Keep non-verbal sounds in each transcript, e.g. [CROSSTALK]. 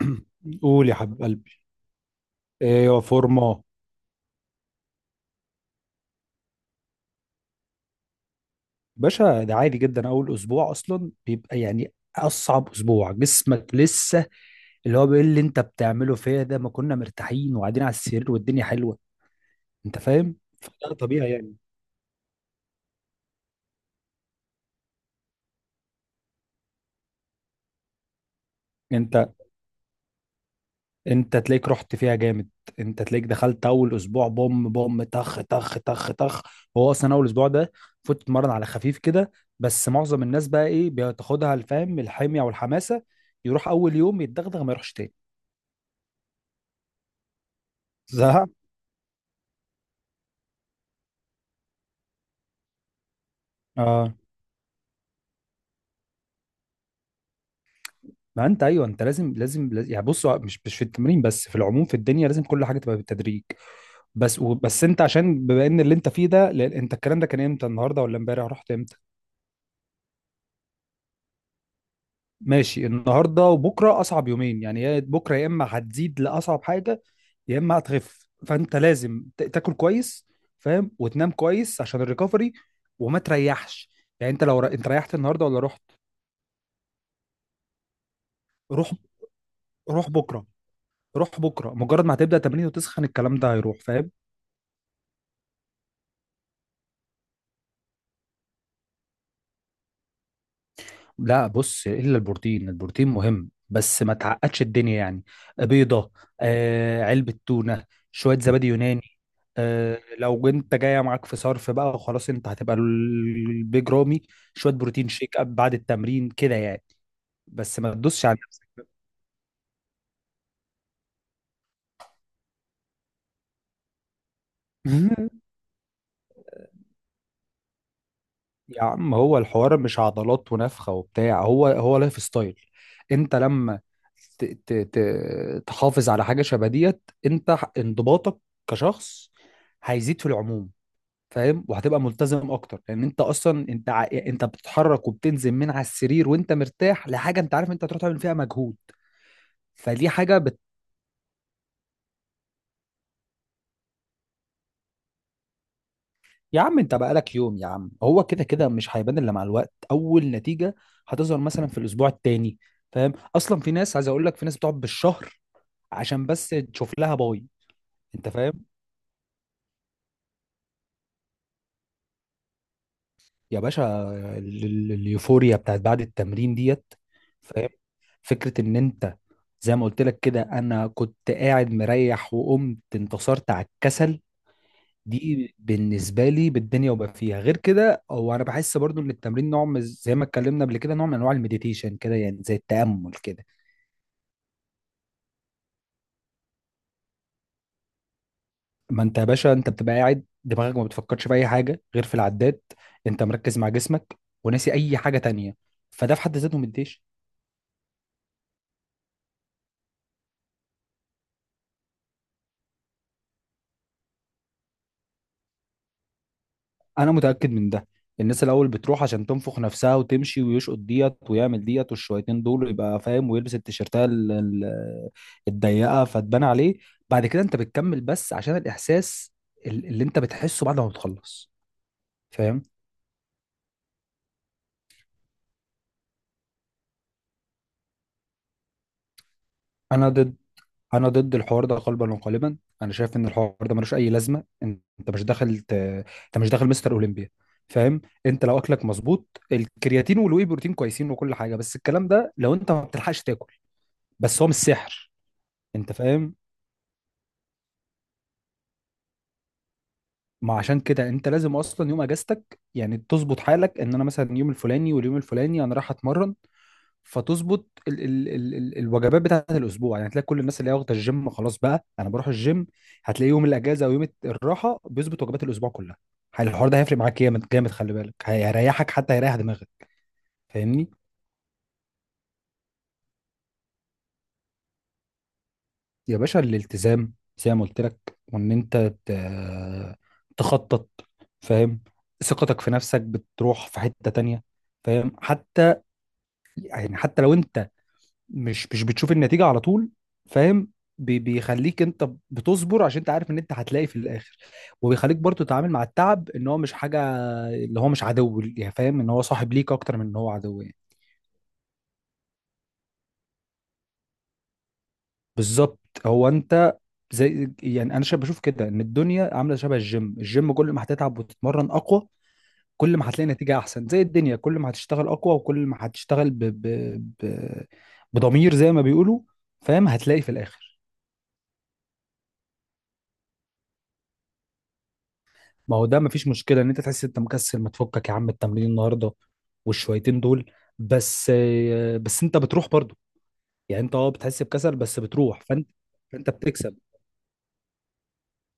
[CLEARS THROAT] قول يا حبيب قلبي، ايوه فورمه باشا. ده عادي جدا، اول اسبوع اصلا بيبقى يعني اصعب اسبوع، جسمك لسه اللي هو بيقول اللي انت بتعمله فيا ده، ما كنا مرتاحين وقاعدين على السرير والدنيا حلوه. انت فاهم؟ فده طبيعي يعني. انت انت تلاقيك رحت فيها جامد، انت تلاقيك دخلت اول اسبوع بوم بوم طخ طخ طخ طخ. هو اصلا اول اسبوع ده فوت تتمرن على خفيف كده، بس معظم الناس بقى ايه، بتاخدها الفهم الحميه والحماسه، يروح اول يوم يتدغدغ ما يروحش تاني. زهق. اه ما انت ايوه، انت لازم، يعني بص، هو مش في التمرين بس، في العموم في الدنيا لازم كل حاجه تبقى بالتدريج. بس بس انت عشان بما ان اللي انت فيه ده، لأن انت الكلام ده كان امتى؟ النهارده ولا امبارح؟ رحت امتى؟ ماشي، النهارده وبكره اصعب يومين يعني، يا بكره يا اما هتزيد لاصعب حاجه يا اما هتخف. فانت لازم تاكل كويس، فاهم، وتنام كويس عشان الريكفري، وما تريحش. يعني انت لو انت ريحت النهارده ولا رحت؟ روح، روح بكره، روح بكره مجرد ما هتبدا تمرين وتسخن الكلام ده هيروح. فاهم؟ لا بص، الا البروتين، البروتين مهم بس ما تعقدش الدنيا يعني. بيضه، آه، علبه تونه، شويه زبادي يوناني، آه لو انت جايه معاك في صرف بقى خلاص انت هتبقى البيج رامي، شويه بروتين شيك اب بعد التمرين كده يعني. بس ما تدوسش على نفسك. [LAUGHS] يا عم هو الحوار مش عضلات ونفخه وبتاع، هو هو لايف ستايل. انت لما ت- ت- تحافظ على حاجه شبه ديت، انت انضباطك كشخص هيزيد في العموم. فاهم؟ وهتبقى ملتزم اكتر، لان انت اصلا انت انت بتتحرك وبتنزل من على السرير وانت مرتاح لحاجه انت عارف انت هتروح تعمل فيها مجهود. فدي حاجه يا عم انت بقالك يوم، يا عم هو كده كده مش هيبان الا مع الوقت، اول نتيجه هتظهر مثلا في الاسبوع التاني. فاهم؟ اصلا في ناس، عايز اقول لك في ناس بتقعد بالشهر عشان بس تشوف لها باي. انت فاهم؟ يا باشا، اليوفوريا بتاعت بعد التمرين ديت. فاهم؟ فكرة ان انت، زي ما قلت لك كده، انا كنت قاعد مريح وقمت انتصرت على الكسل، دي بالنسبة لي بالدنيا. وبقى فيها غير كده، هو انا بحس برضو ان التمرين نوع زي ما اتكلمنا قبل كده، نوع من انواع المديتيشن كده، يعني زي التأمل كده. ما انت يا باشا انت بتبقى قاعد دماغك ما بتفكرش في اي حاجة غير في العداد، انت مركز مع جسمك، وناسي اي حاجة تانية. فده في حد ذاته مديش. انا متاكد من ده. الناس الاول بتروح عشان تنفخ نفسها وتمشي ويشقط ديت ويعمل ديت والشويتين دول، يبقى فاهم، ويلبس التيشيرتات الضيقه فتبان عليه. بعد كده انت بتكمل بس عشان الاحساس اللي انت بتحسه بعد ما بتخلص. فاهم؟ انا ضد، انا ضد الحوار ده قلبا وقالبا. انا شايف ان الحوار ده ملوش اي لازمه. انت مش داخل انت مش داخل مستر اولمبيا. فاهم؟ انت لو اكلك مظبوط الكرياتين والواي بروتين كويسين وكل حاجه، بس الكلام ده لو انت ما بتلحقش تاكل، بس هو مش سحر. انت فاهم؟ ما عشان كده انت لازم اصلا يوم اجازتك يعني تظبط حالك، ان انا مثلا يوم الفلاني واليوم الفلاني انا رايح اتمرن، فتظبط ال الوجبات بتاعت الاسبوع. يعني هتلاقي كل الناس اللي هي واخده الجيم خلاص بقى انا بروح الجيم، هتلاقي يوم الاجازه ويوم الراحه بيظبط وجبات الاسبوع كلها. الحوار ده هيفرق معاك جامد جامد، خلي بالك، هيريحك حتى، هيريح دماغك. فاهمني؟ يا باشا الالتزام، زي ما قلت لك، وان انت ت- تخطط. فاهم؟ ثقتك في نفسك بتروح في حتة تانية. فاهم؟ حتى يعني حتى لو انت مش بتشوف النتيجة على طول، فاهم، بيخليك انت بتصبر عشان انت عارف ان انت هتلاقي في الاخر. وبيخليك برضو تتعامل مع التعب ان هو مش حاجة، اللي هو مش عدو يعني، فاهم ان هو صاحب ليك اكتر من ان هو عدو يعني. بالظبط. هو انت، زي يعني انا بشوف كده ان الدنيا عامله شبه الجيم. الجيم كل ما هتتعب وتتمرن اقوى كل ما هتلاقي نتيجة أحسن، زي الدنيا كل ما هتشتغل أقوى، وكل ما هتشتغل ب... بضمير زي ما بيقولوا، فاهم، هتلاقي في الآخر. ما هو ده مفيش مشكلة إن أنت تحس إن أنت مكسل، ما تفكك يا عم التمرين النهاردة والشويتين دول. بس بس أنت بتروح برضو، يعني أنت أه بتحس بكسل بس بتروح، فأنت بتكسب.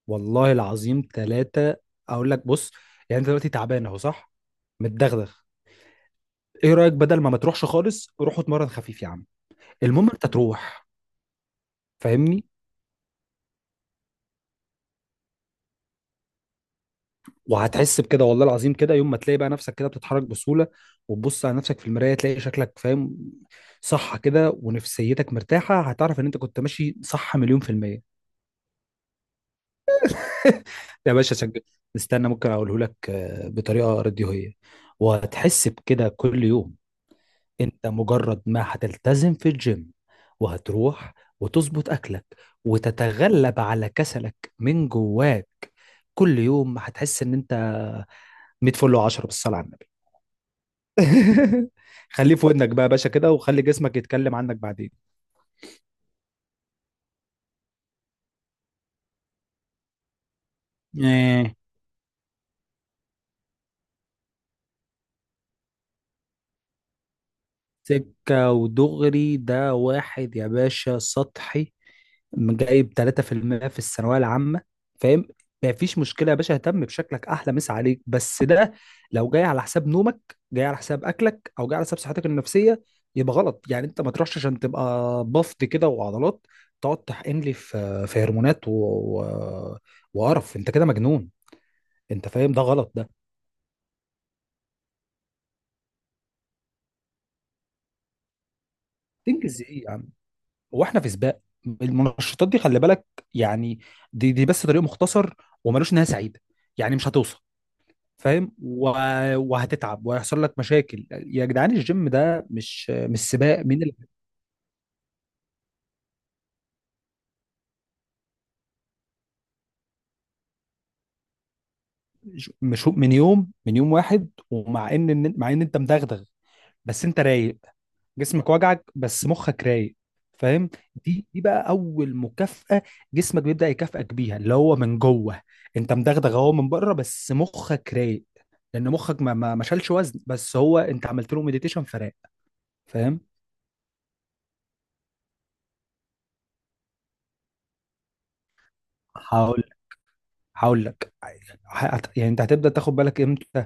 والله العظيم ثلاثة أقول لك. بص، يعني أنت دلوقتي تعبان أهو، صح، متدغدغ. إيه رأيك؟ بدل ما تروحش خالص، روح اتمرن خفيف يا عم. المهم أنت تروح. فاهمني؟ وهتحس بكده والله العظيم، كده يوم ما تلاقي بقى نفسك كده بتتحرك بسهولة، وتبص على نفسك في المراية تلاقي شكلك، فاهم صح كده، ونفسيتك مرتاحة، هتعرف ان انت كنت ماشي صح مليون في المية. يا باشا استنى، ممكن اقوله لك آه، بطريقة راديوهية. وهتحس بكده كل يوم، انت مجرد ما هتلتزم في الجيم، وهتروح، وتظبط اكلك، وتتغلب على كسلك من جواك، كل يوم هتحس ان انت 100 فل و10، بالصلاة على النبي. [LAUGHS] خليه في ودنك بقى يا باشا كده، وخلي جسمك يتكلم عنك بعدين. آه، سكة ودغري، ده واحد يا باشا سطحي، جايب 3% في المية في الثانوية العامة. فاهم؟ مفيش مشكلة يا باشا اهتم بشكلك، أحلى مسا عليك، بس ده لو جاي على حساب نومك، جاي على حساب أكلك، أو جاي على حساب صحتك النفسية، يبقى غلط. يعني أنت ما تروحش عشان تبقى بفط كده وعضلات، تقعد تحقن لي في هرمونات و... وقرف، أنت كده مجنون. أنت فاهم؟ ده غلط. تنجز ايه يا عم، هو احنا في سباق؟ المنشطات دي خلي بالك، يعني دي بس طريق مختصر، وملوش نهايه سعيده، يعني مش هتوصل. فاهم؟ وهتتعب وهيحصل لك مشاكل يا جدعان. الجيم ده مش سباق مش من يوم، من يوم واحد، ومع ان، مع ان انت مدغدغ بس انت رايق. جسمك وجعك بس مخك رايق. فاهم؟ دي بقى اول مكافأة، جسمك بيبدأ يكافئك بيها اللي هو من جوه. انت مدغدغ اهو من بره بس مخك رايق، لان مخك ما شالش وزن، بس هو انت عملت له مديتيشن فراق. فاهم؟ هقول هقول لك، يعني انت هتبدأ تاخد بالك امتى؟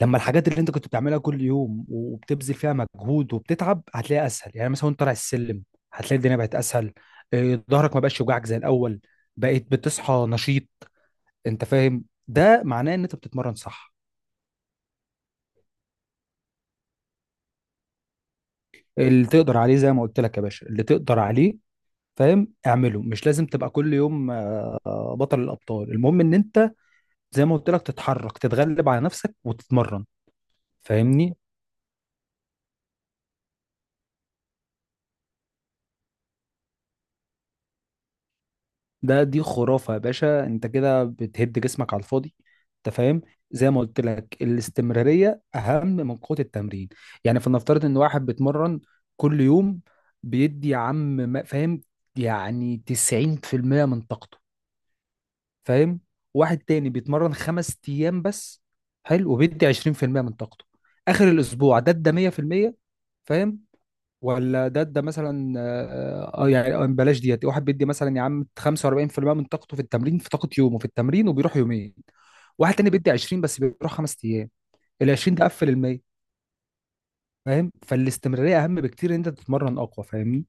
لما الحاجات اللي انت كنت بتعملها كل يوم وبتبذل فيها مجهود وبتتعب هتلاقيها اسهل، يعني مثلا وانت طالع السلم هتلاقي الدنيا بقت اسهل، إيه، ظهرك ما بقاش يوجعك زي الاول، بقيت بتصحى نشيط، انت فاهم؟ ده معناه ان انت بتتمرن صح. اللي تقدر عليه زي ما قلت لك يا باشا، اللي تقدر عليه، فاهم، اعمله، مش لازم تبقى كل يوم آه، بطل الابطال، المهم ان انت، زي ما قلت لك، تتحرك، تتغلب على نفسك، وتتمرن. فاهمني؟ ده دي خرافة يا باشا، انت كده بتهد جسمك على الفاضي. انت فاهم؟ زي ما قلت لك الاستمرارية اهم من قوة التمرين. يعني فلنفترض ان واحد بيتمرن كل يوم، بيدي يا عم فاهم، يعني 90% من طاقته، فاهم. واحد تاني بيتمرن 5 ايام بس، حلو، وبيدي 20% من طاقته، اخر الاسبوع ده ادى 100%. فاهم؟ ولا ده مثلا اه آه، يعني آه، بلاش ديت، واحد بيدي مثلا يا عم 45% من طاقته في التمرين، في طاقة يومه في التمرين، وبيروح يومين. واحد تاني بيدي 20 بس بيروح 5 ايام، ال 20 ده قفل ال 100. فاهم؟ فالاستمرارية اهم بكتير ان انت تتمرن اقوى. فاهمني؟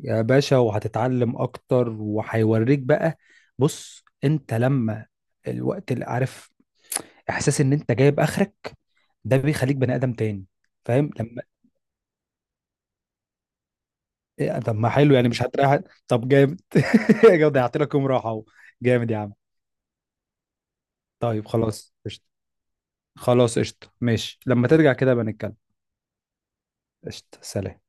يا باشا وهتتعلم اكتر وهيوريك بقى. بص انت لما، الوقت اللي عارف احساس ان انت جايب اخرك، ده بيخليك بني ادم تاني. فاهم؟ لما إيه، طب ما حلو يعني مش هتريح. طب جامد. [LAUGHS] جامد ضيعت لك يوم راحه اهو، جامد يا عم. طيب خلاص قشطه، خلاص قشطه ماشي، لما ترجع كده بنتكلم. قشطه سلام.